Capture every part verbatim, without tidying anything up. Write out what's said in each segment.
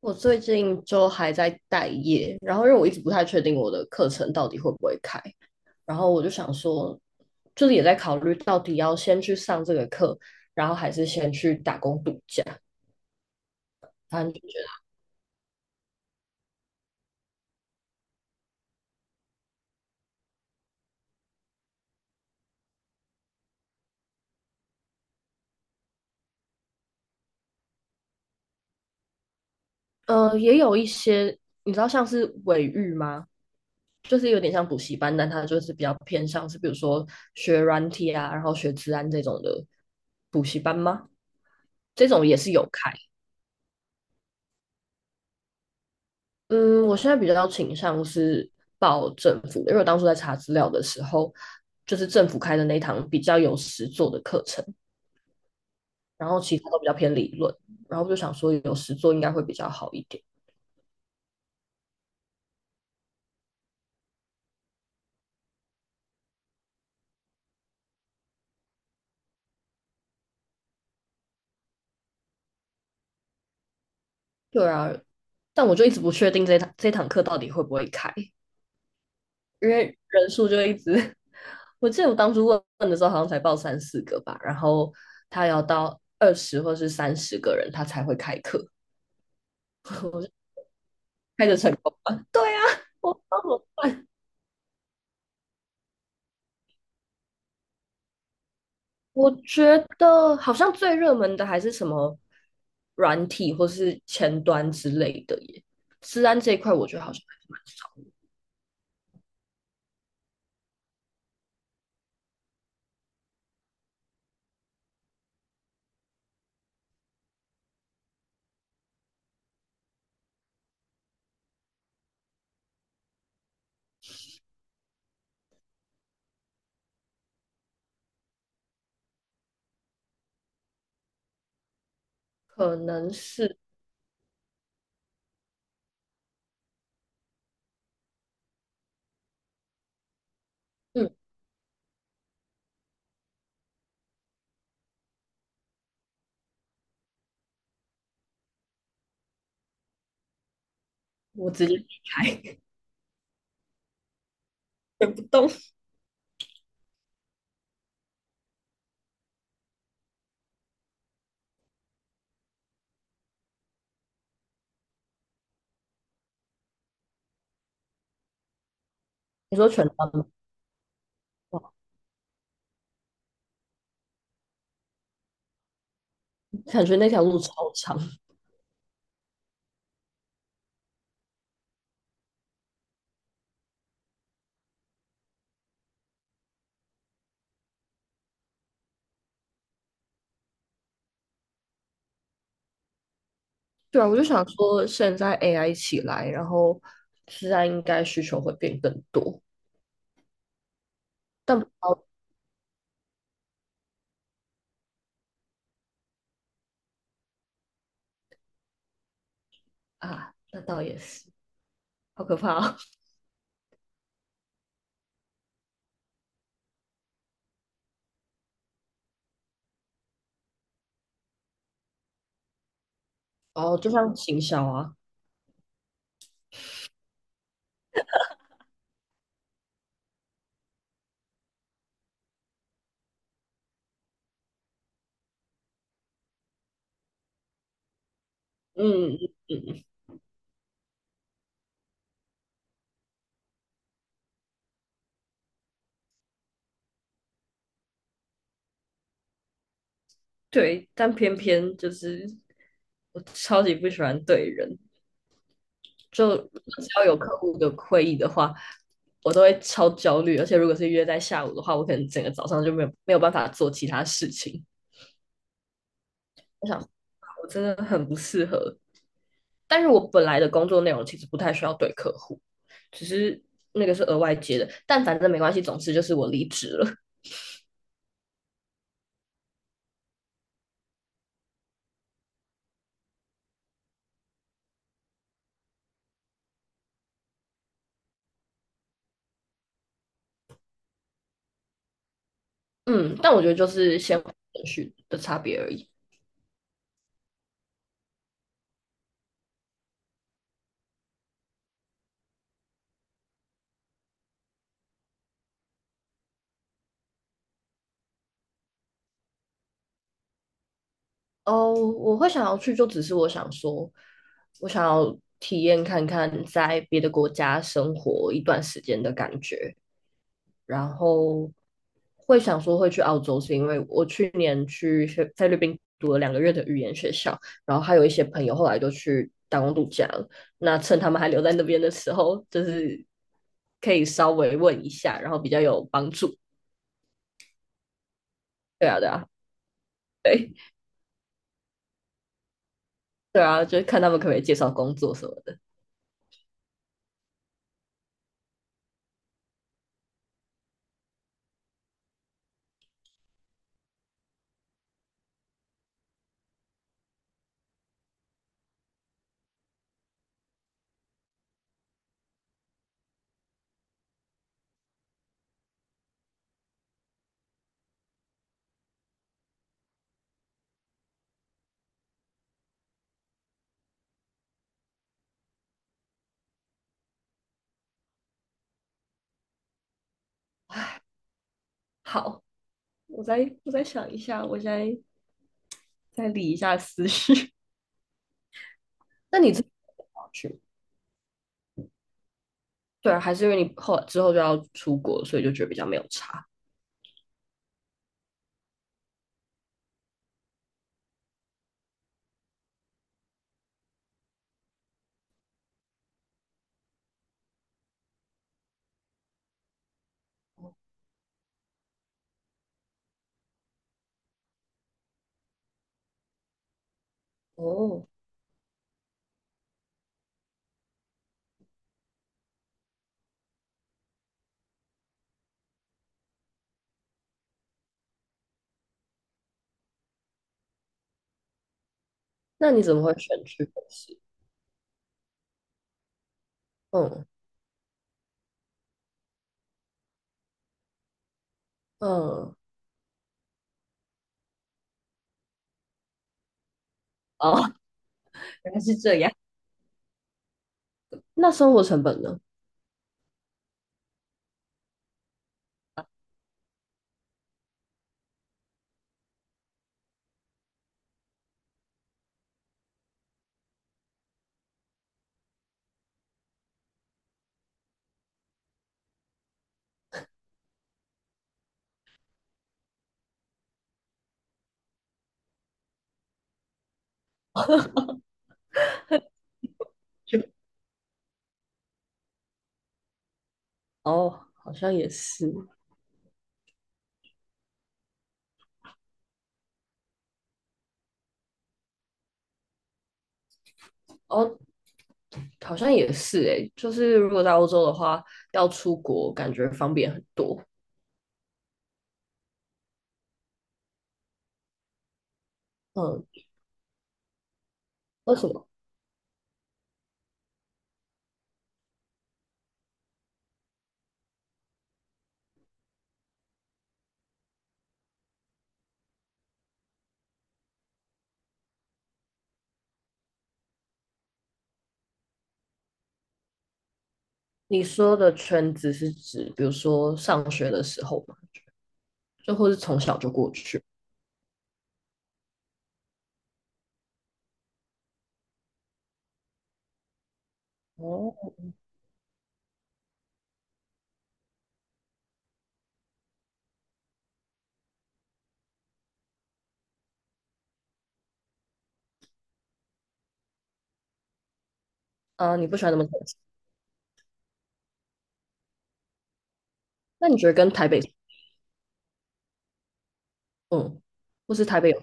我最近就还在待业，然后因为我一直不太确定我的课程到底会不会开，然后我就想说，就是也在考虑到底要先去上这个课，然后还是先去打工度假。反正就觉得，呃，也有一些你知道像是尾育吗？就是有点像补习班，但它就是比较偏向是比如说学软体啊，然后学治安这种的补习班吗？这种也是有开。嗯，我现在比较倾向是报政府的，因为我当初在查资料的时候，就是政府开的那一堂比较有实作的课程，然后其他都比较偏理论，然后我就想说有实作应该会比较好一点。对啊，但我就一直不确定这堂这堂课到底会不会开，因为人数就一直，我记得我当初问问的时候好像才报三四个吧，然后他要到二十或是三十个人他才会开课。我就开着成功吧。我我觉得好像最热门的还是什么软体或是前端之类的耶。治安这一块，我觉得好像可能是。嗯，我直接离开，动不动。你说全端吗？哇，感觉那条路超长。对啊，我就想说，现在 A I 起来，然后治安应该需求会变更多，但不知道。啊，那倒也是，好可怕哦。哦，就像行销啊。嗯。对，但偏偏就是我超级不喜欢对人，就只要有客户的会议的话，我都会超焦虑，而且如果是约在下午的话，我可能整个早上就没有没有办法做其他事情。我想，我真的很不适合。但是我本来的工作内容其实不太需要对客户，只是那个是额外接的，但反正没关系，总之就是我离职了。嗯，但我觉得就是先后顺序的差别而已。哦，我会想要去，就只是我想说，我想要体验看看在别的国家生活一段时间的感觉，然后会想说会去澳洲，是因为我去年去菲菲律宾读了两个月的语言学校，然后还有一些朋友后来都去打工度假了，那趁他们还留在那边的时候，就是可以稍微问一下，然后比较有帮助。对啊，对啊，对，对啊，就是看他们可不可以介绍工作什么的。好。我再我再想一下，我再再理一下思绪。那你这去对啊，还是因为你后之后就要出国，所以就觉得比较没有差。哦，那你怎么会选去北市？嗯嗯。哦，原来是这样。那生活成本呢？就哦，好像也是。哦，好像也是诶，就是如果在欧洲的话，要出国感觉方便很多。嗯，为什么？你说的圈子是指，比如说上学的时候嘛，就或是从小就过去。哦，啊，你不喜欢那么城市？那你觉得跟台北，嗯，或是台北有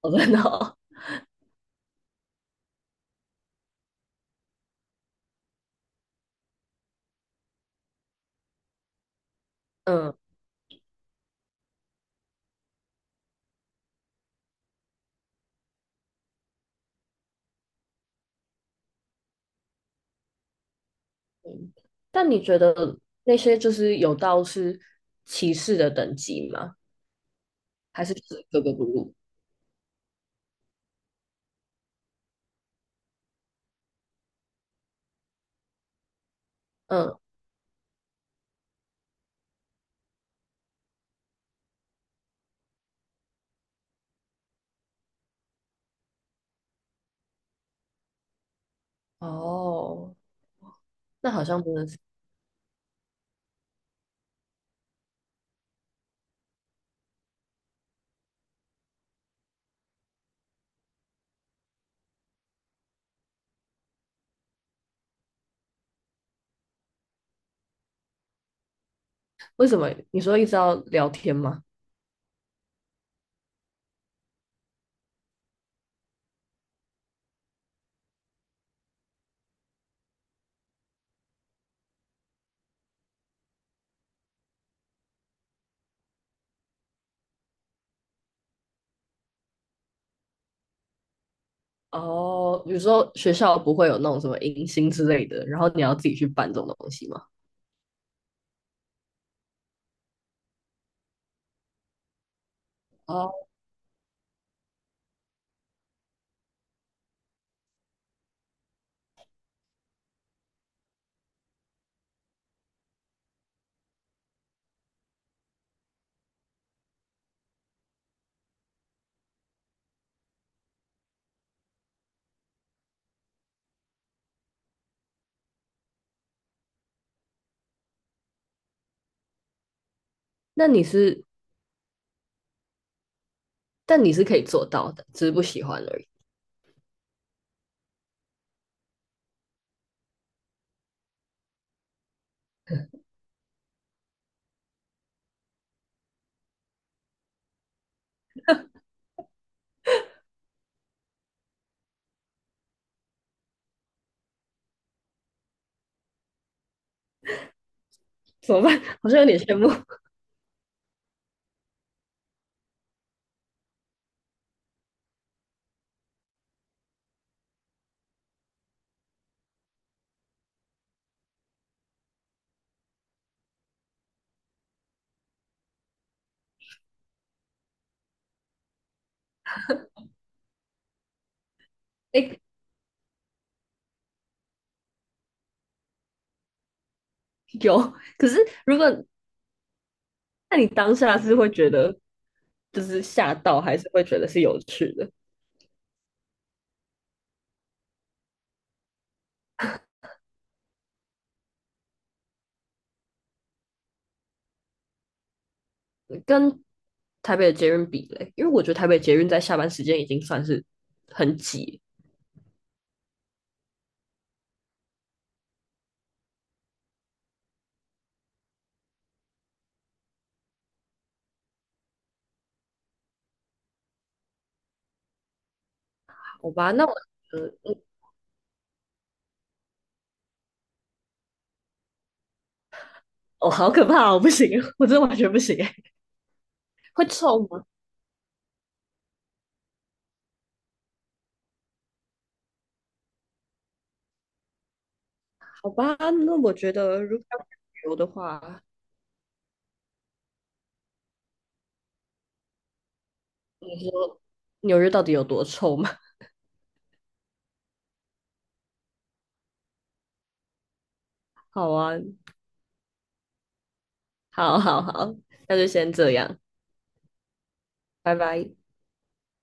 哦，真哦。嗯，嗯，但你觉得那些就是有到是歧视的等级吗？还是就是格格不入？嗯。哦，那好像真的是为什么？你说一直要聊天吗？哦，比如说学校不会有那种什么迎新之类的，然后你要自己去办这种东西吗？哦，那你是，但你是可以做到的，只是不喜欢而已。怎么办？好像有点羡慕。哎，有，可是如果那你当下是会觉得就是吓到，还是会觉得是有趣的？跟台北的捷运比嘞，因为我觉得台北捷运在下班时间已经算是很挤。好吧，那我，呃，哦，好可怕哦，不行，我真的完全不行哎，会臭吗？好吧，那我觉得如果要旅游的话，纽约到底有多臭吗？好啊，好好好，那就先这样，拜拜。